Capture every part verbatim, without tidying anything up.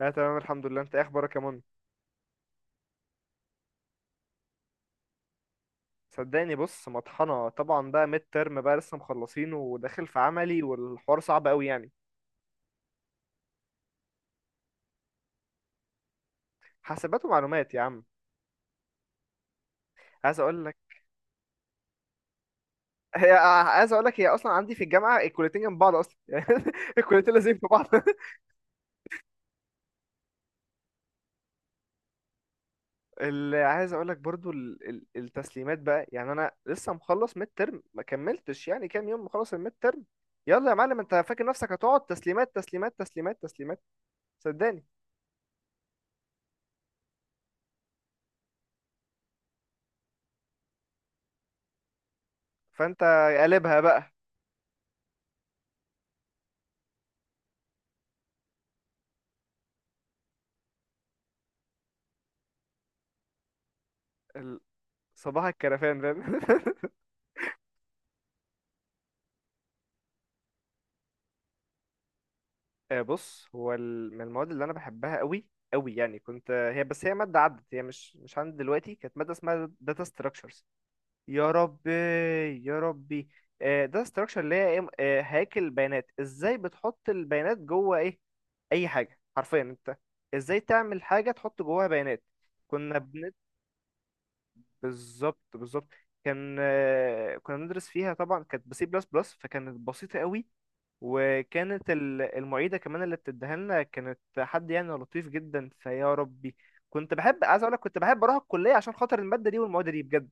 لا، تمام الحمد لله، انت ايه اخبارك يا من؟ صدقني، بص، مطحنه طبعا بقى، ميد ترم بقى لسه مخلصينه وداخل في عملي والحوار صعب قوي يعني. حاسبات ومعلومات يا عم. عايز اقول لك هي عايز اقول لك، هي اصلا عندي في الجامعه الكليتين جنب بعض اصلا يعني. الكليتين لازم في بعض اللي عايز اقول لك برضو ال- ال- التسليمات بقى، يعني انا لسه مخلص ميد ترم، ما كملتش يعني كام يوم مخلص الميد ترم. يلا يا معلم، انت فاكر نفسك هتقعد تسليمات تسليمات تسليمات تسليمات؟ صدقني. فانت قلبها بقى. صباح الكرفان فاهم آه، بص، هو ال- من المواد اللي انا بحبها قوي قوي يعني، كنت هي، بس هي ماده عدت، هي مش مش عندي دلوقتي، كانت ماده اسمها داتا ستراكشرز. يا ربي. يا ربي. داتا ستراكشر اللي هي إيه؟ آه، هياكل بيانات، ازاي بتحط البيانات جوه ايه اي حاجه حرفيا انت، ازاي تعمل حاجه تحط جواها بيانات. كنا بنت بالظبط بالظبط. كان آه، كنا بندرس فيها طبعا، كانت بسي بلس بلس، فكانت بسيطه قوي. وكانت ال- المعيدة كمان اللي بتديها لنا كانت حد يعني لطيف جدا، فيا ربي، كنت بحب، عايز اقول لك، كنت بحب اروح الكلية عشان خاطر المادة دي والمواد دي بجد.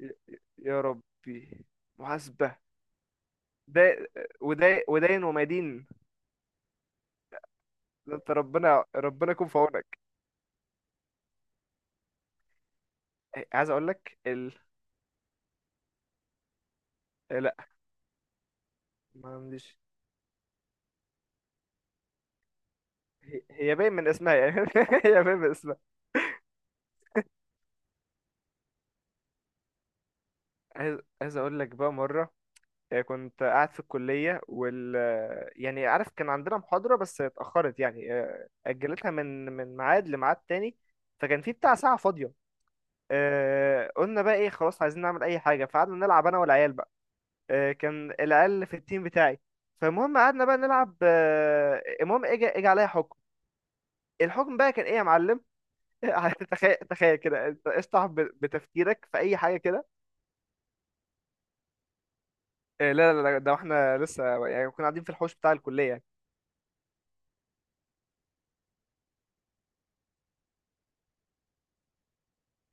ي- يا ربي. محاسبة. ده وده ودين ومدين. ده انت ربنا ربنا يكون في عونك. إيه، عايز اقول لك ال... إيه، لا، ما عنديش. هي هي باين من اسمها يعني هي باين من اسمها. عايز عايز اقول لك بقى مرة. آه، كنت قاعد في الكلية وال آه، يعني عارف، كان عندنا محاضرة بس اتأخرت يعني، آه، أجلتها من من ميعاد لميعاد تاني. فكان في بتاع ساعة فاضية. آه، قلنا بقى ايه، خلاص عايزين نعمل أي حاجة، فقعدنا نلعب أنا والعيال بقى. آه، كان العيال في التيم بتاعي. فالمهم قعدنا بقى نلعب، آه، المهم اجى اجى عليا حكم. الحكم بقى كان ايه يا معلم؟ تخيل تخيل كده، انت اشطح ب- بتفكيرك في اي حاجه كده. آه، لا لا لا، ده احنا لسه يعني كنا قاعدين في الحوش بتاع الكليه.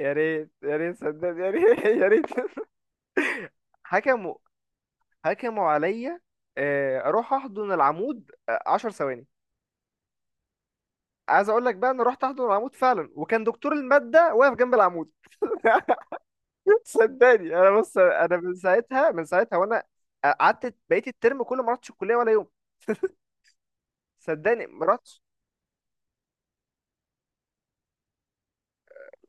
يا ريت يا ريت صدقني يا ريت يا ريت حكموا. حكموا عليا، آه، اروح احضن العمود آه، 10 ثواني. عايز اقول لك بقى، انا رحت احضن العمود فعلا، وكان دكتور المادة واقف جنب العمود صدقني، انا بص، انا من ساعتها من ساعتها وانا آه، قعدت بقيت الترم كله ما رحتش الكليه ولا يوم. صدقني ما رحتش.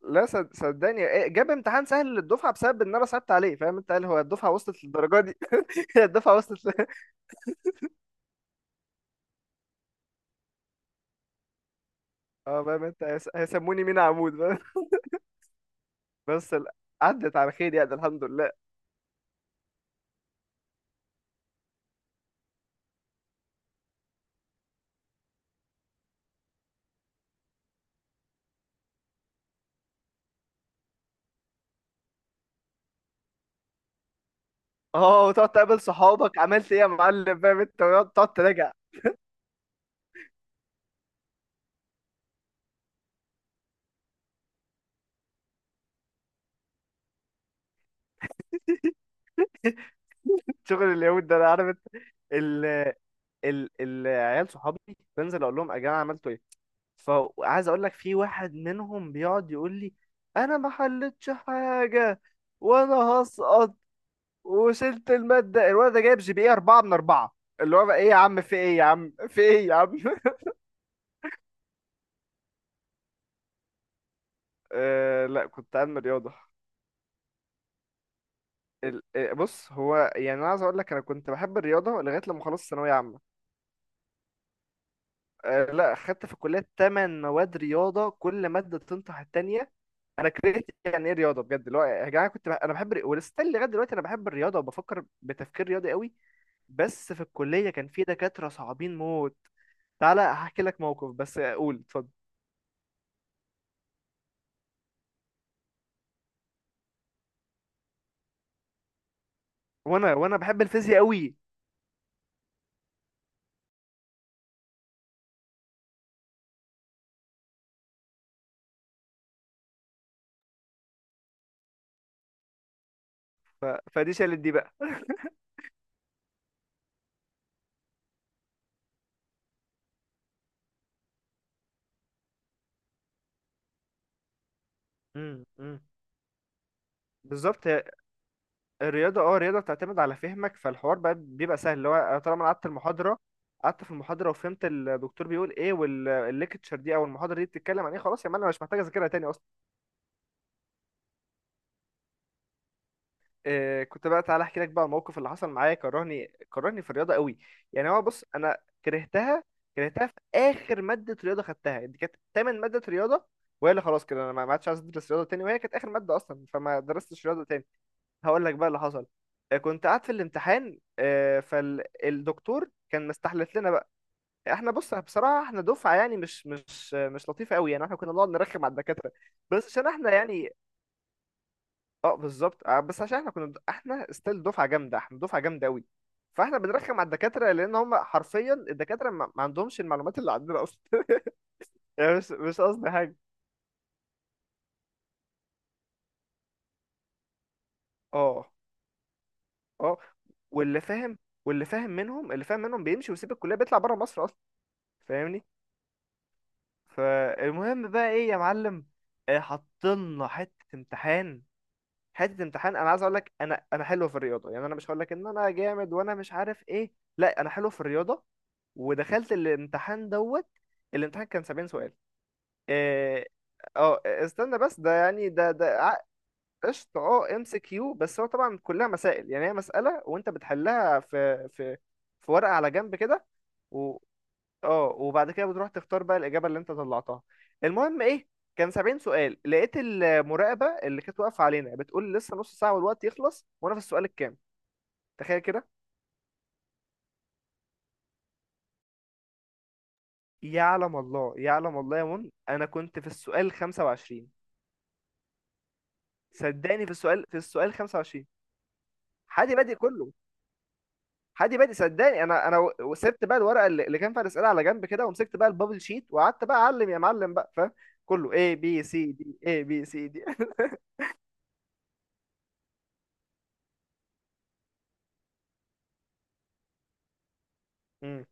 لا، صد- صدقني، إيه، جاب امتحان سهل للدفعه بسبب ان انا صعبت عليه فاهم انت، قال هو الدفعه وصلت للدرجه دي. الدفعه وصلت ل- اه فاهم انت، هيس- هيسموني مين؟ عمود بس ال- عدت على خير يعني الحمد لله. اه، وتقعد تقابل صحابك عملت ايه يا معلم فاهم انت، ويقعد- تقعد تراجع. شغل اليهود ده انا عارف انت. ال ال العيال صحابي، بنزل اقول لهم يا جماعه عملتوا ايه، فعايز اقول لك في واحد منهم بيقعد يقول لي انا ما حلتش حاجه، وانا هسقط وشلت الماده. الولد ده جايب جي بي اي اربعة من اربعة، اللي هو بقى ايه يا عم، في ايه يا عم، في ايه يا عم آه لا، كنت علم رياضه. ال- آه، بص، هو يعني انا عايز اقول لك، انا كنت بحب الرياضه لغايه لما خلصت ثانويه عامه. أه لا، خدت في الكليه 8 مواد رياضه، كل ماده تنطح التانيه. انا كرهت يعني ايه رياضه بجد، اللي هو يا جماعه كنت بح... انا بحب ولسه لغايه دلوقتي انا بحب الرياضه وبفكر بتفكير رياضي قوي. بس في الكليه كان في دكاتره صعبين موت. تعالى هحكي لك موقف، بس اقول اتفضل. وانا وانا بحب الفيزياء قوي. ف... فدي شالت دي بقى. امم بالظبط. الرياضة، اه الرياضة بتعتمد على فهمك، فالحوار بقى بيبقى سهل، اللي هو أنا طالما أنا قعدت المحاضرة، قعدت في المحاضرة وفهمت الدكتور بيقول ايه والليكتشر دي او المحاضرة دي بتتكلم عن ايه، خلاص يا مان انا مش محتاج اذاكرها تاني اصلا. إيه كنت بقى، تعالى احكي لك بقى الموقف اللي حصل معايا، كرهني كرهني في الرياضة قوي. يعني هو بص، انا كرهتها، كرهتها في اخر مادة رياضة خدتها، دي كانت تامن مادة رياضة، وهي اللي خلاص كده انا ما ما عادش عايز ادرس رياضة تاني، وهي كانت اخر مادة اصلا، فما درستش رياضة تاني. هقول لك بقى اللي حصل، آه، كنت قاعد في الامتحان، آه، فالدكتور كان مستحلف لنا بقى. احنا بص، بصراحه احنا دفعه يعني مش مش مش لطيفه قوي، يعني احنا كنا بنقعد نرخم على الدكاتره، بس عشان احنا يعني. اه بالظبط، آه، بس عشان احنا كنا احنا ستيل دفعه جامده، احنا دفعه جامده قوي. فاحنا بنرخم على الدكاتره لان هم حرفيا الدكاتره ما ما عندهمش المعلومات اللي عندنا اصلا يعني مش مش قصدي حاجه. اه. اه. واللي فاهم، واللي فاهم منهم، اللي فاهم منهم بيمشي ويسيب الكليه، بيطلع بره مصر اصلا فاهمني. فالمهم بقى ايه يا معلم؟ آه، حطلنا حته امتحان. حته امتحان، انا عايز اقول لك، انا انا حلو في الرياضه، يعني انا مش هقول لك ان انا جامد وانا مش عارف ايه، لا، انا حلو في الرياضه. ودخلت الامتحان دوت، الامتحان كان 70 سؤال. اه. آه، استنى بس، ده يعني ده ده ع- قشطه. اه ام سي كيو، بس هو طبعا كلها مسائل، يعني هي مساله وانت بتحلها في في في ورقه على جنب كده. اه. وبعد كده بتروح تختار بقى الاجابه اللي انت طلعتها. المهم ايه؟ كان 70 سؤال، لقيت المراقبه اللي كانت واقفه علينا بتقول لسه نص ساعه والوقت يخلص وانا في السؤال الكام. تخيل كده. يعلم الله، يعلم الله يا من، انا كنت في السؤال خمسة وعشرين. صدقني، في السؤال في السؤال خمسة وعشرين حادي بادئ كله. حادي بادئ، صدقني، انا انا و- سبت بقى الورقه اللي اللي كان فيها الاسئله على جنب كده، ومسكت بقى البابل شيت وقعدت بقى اعلم يا معلم بقى فاهم. كله A B C D A B C D مم.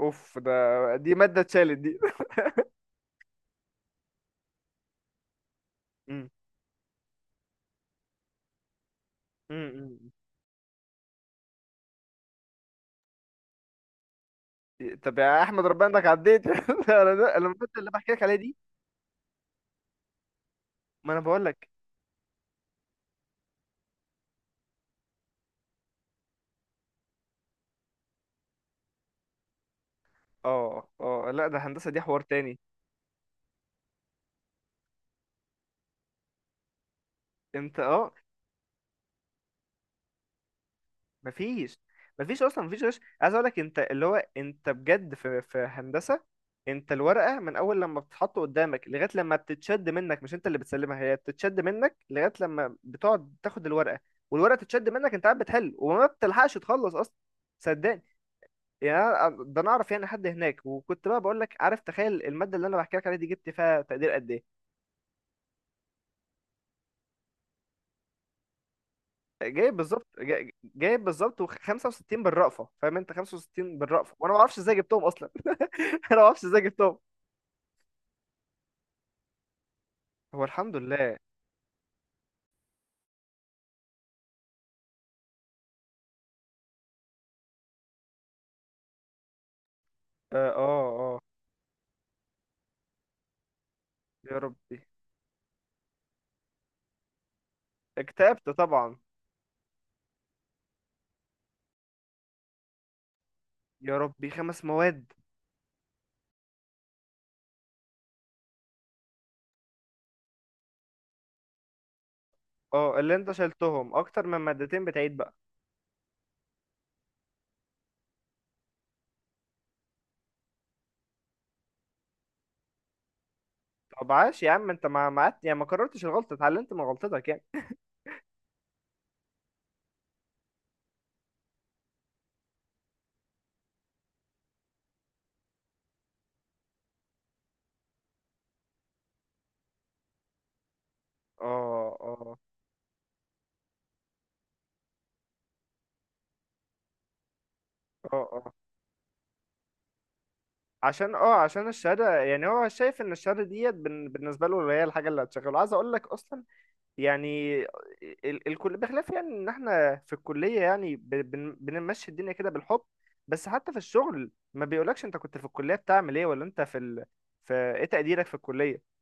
اوف ده. دي مادة اتشالت دي. مم. مم. مم. طب يا احمد، ربنا انك عديت انا ده انا المادة اللي بحكي لك عليها دي. ما انا بقول لك. اه، اه، لا، ده هندسه دي حوار تاني. انت اه. مفيش، مفيش اصلا، مفيش غش عايز اقول لك انت، اللي هو انت بجد في في هندسه، انت الورقه من اول لما بتتحط قدامك لغايه لما بتتشد منك، مش انت اللي بتسلمها، هي بتتشد منك لغايه لما بتقعد تاخد الورقه، والورقه تتشد منك انت قاعد بتحل وما بتلحقش تخلص اصلا. صدقني، يعني أنا ده انا اعرف يعني حد هناك، وكنت بقى بقول لك عارف، تخيل الماده اللي انا بحكي لك عليها دي جبت فيها تقدير قد ايه؟ جايب بالظبط، جا- جايب بالظبط و65 بالرأفه فاهم انت، خمسة وستين بالرأفه، وانا ما اعرفش ازاي جبتهم اصلا انا ما اعرفش ازاي جبتهم. هو الحمد لله. اه. اه. آه. يا ربي، اكتئبت طبعا. يا ربي، خمس مواد. اه، اللي انت شلتهم اكتر من مادتين بتعيد بقى. طب عاش يا عم، انت ما ما قعدت- يعني ما كررتش الغلطه، اتعلمت من غلطتك يعني. اه، اه، اه. عشان اه عشان الشهاده يعني، هو شايف ان الشهاده ديت بن- بالنسبه له هي الحاجه اللي هتشغله، عايز اقول لك اصلا. يعني ال- الكل بخلاف، يعني ان احنا في الكليه يعني ب- بن- بنمشي الدنيا كده بالحب، بس حتى في الشغل ما بيقولكش انت كنت في الكليه بتعمل ايه، ولا انت في ال... في ايه تقديرك في الكليه.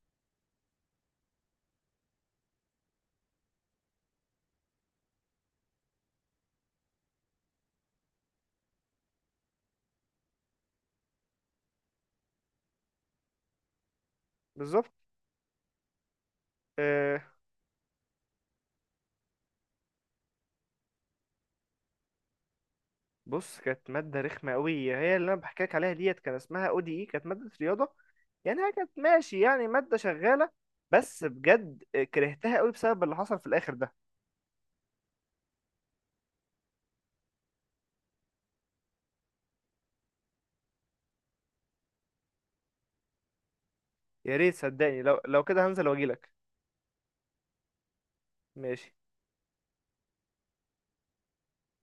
بالظبط. أه بص، كانت ماده رخمه قوي، هي اللي انا بحكي لك عليها ديت كان اسمها او دي اي، كانت ماده رياضه، يعني هي كانت ماشي يعني، ماده شغاله، بس بجد كرهتها قوي بسبب اللي حصل في الاخر ده. يا ريت صدقني، لو لو كده هنزل واجيلك. ماشي.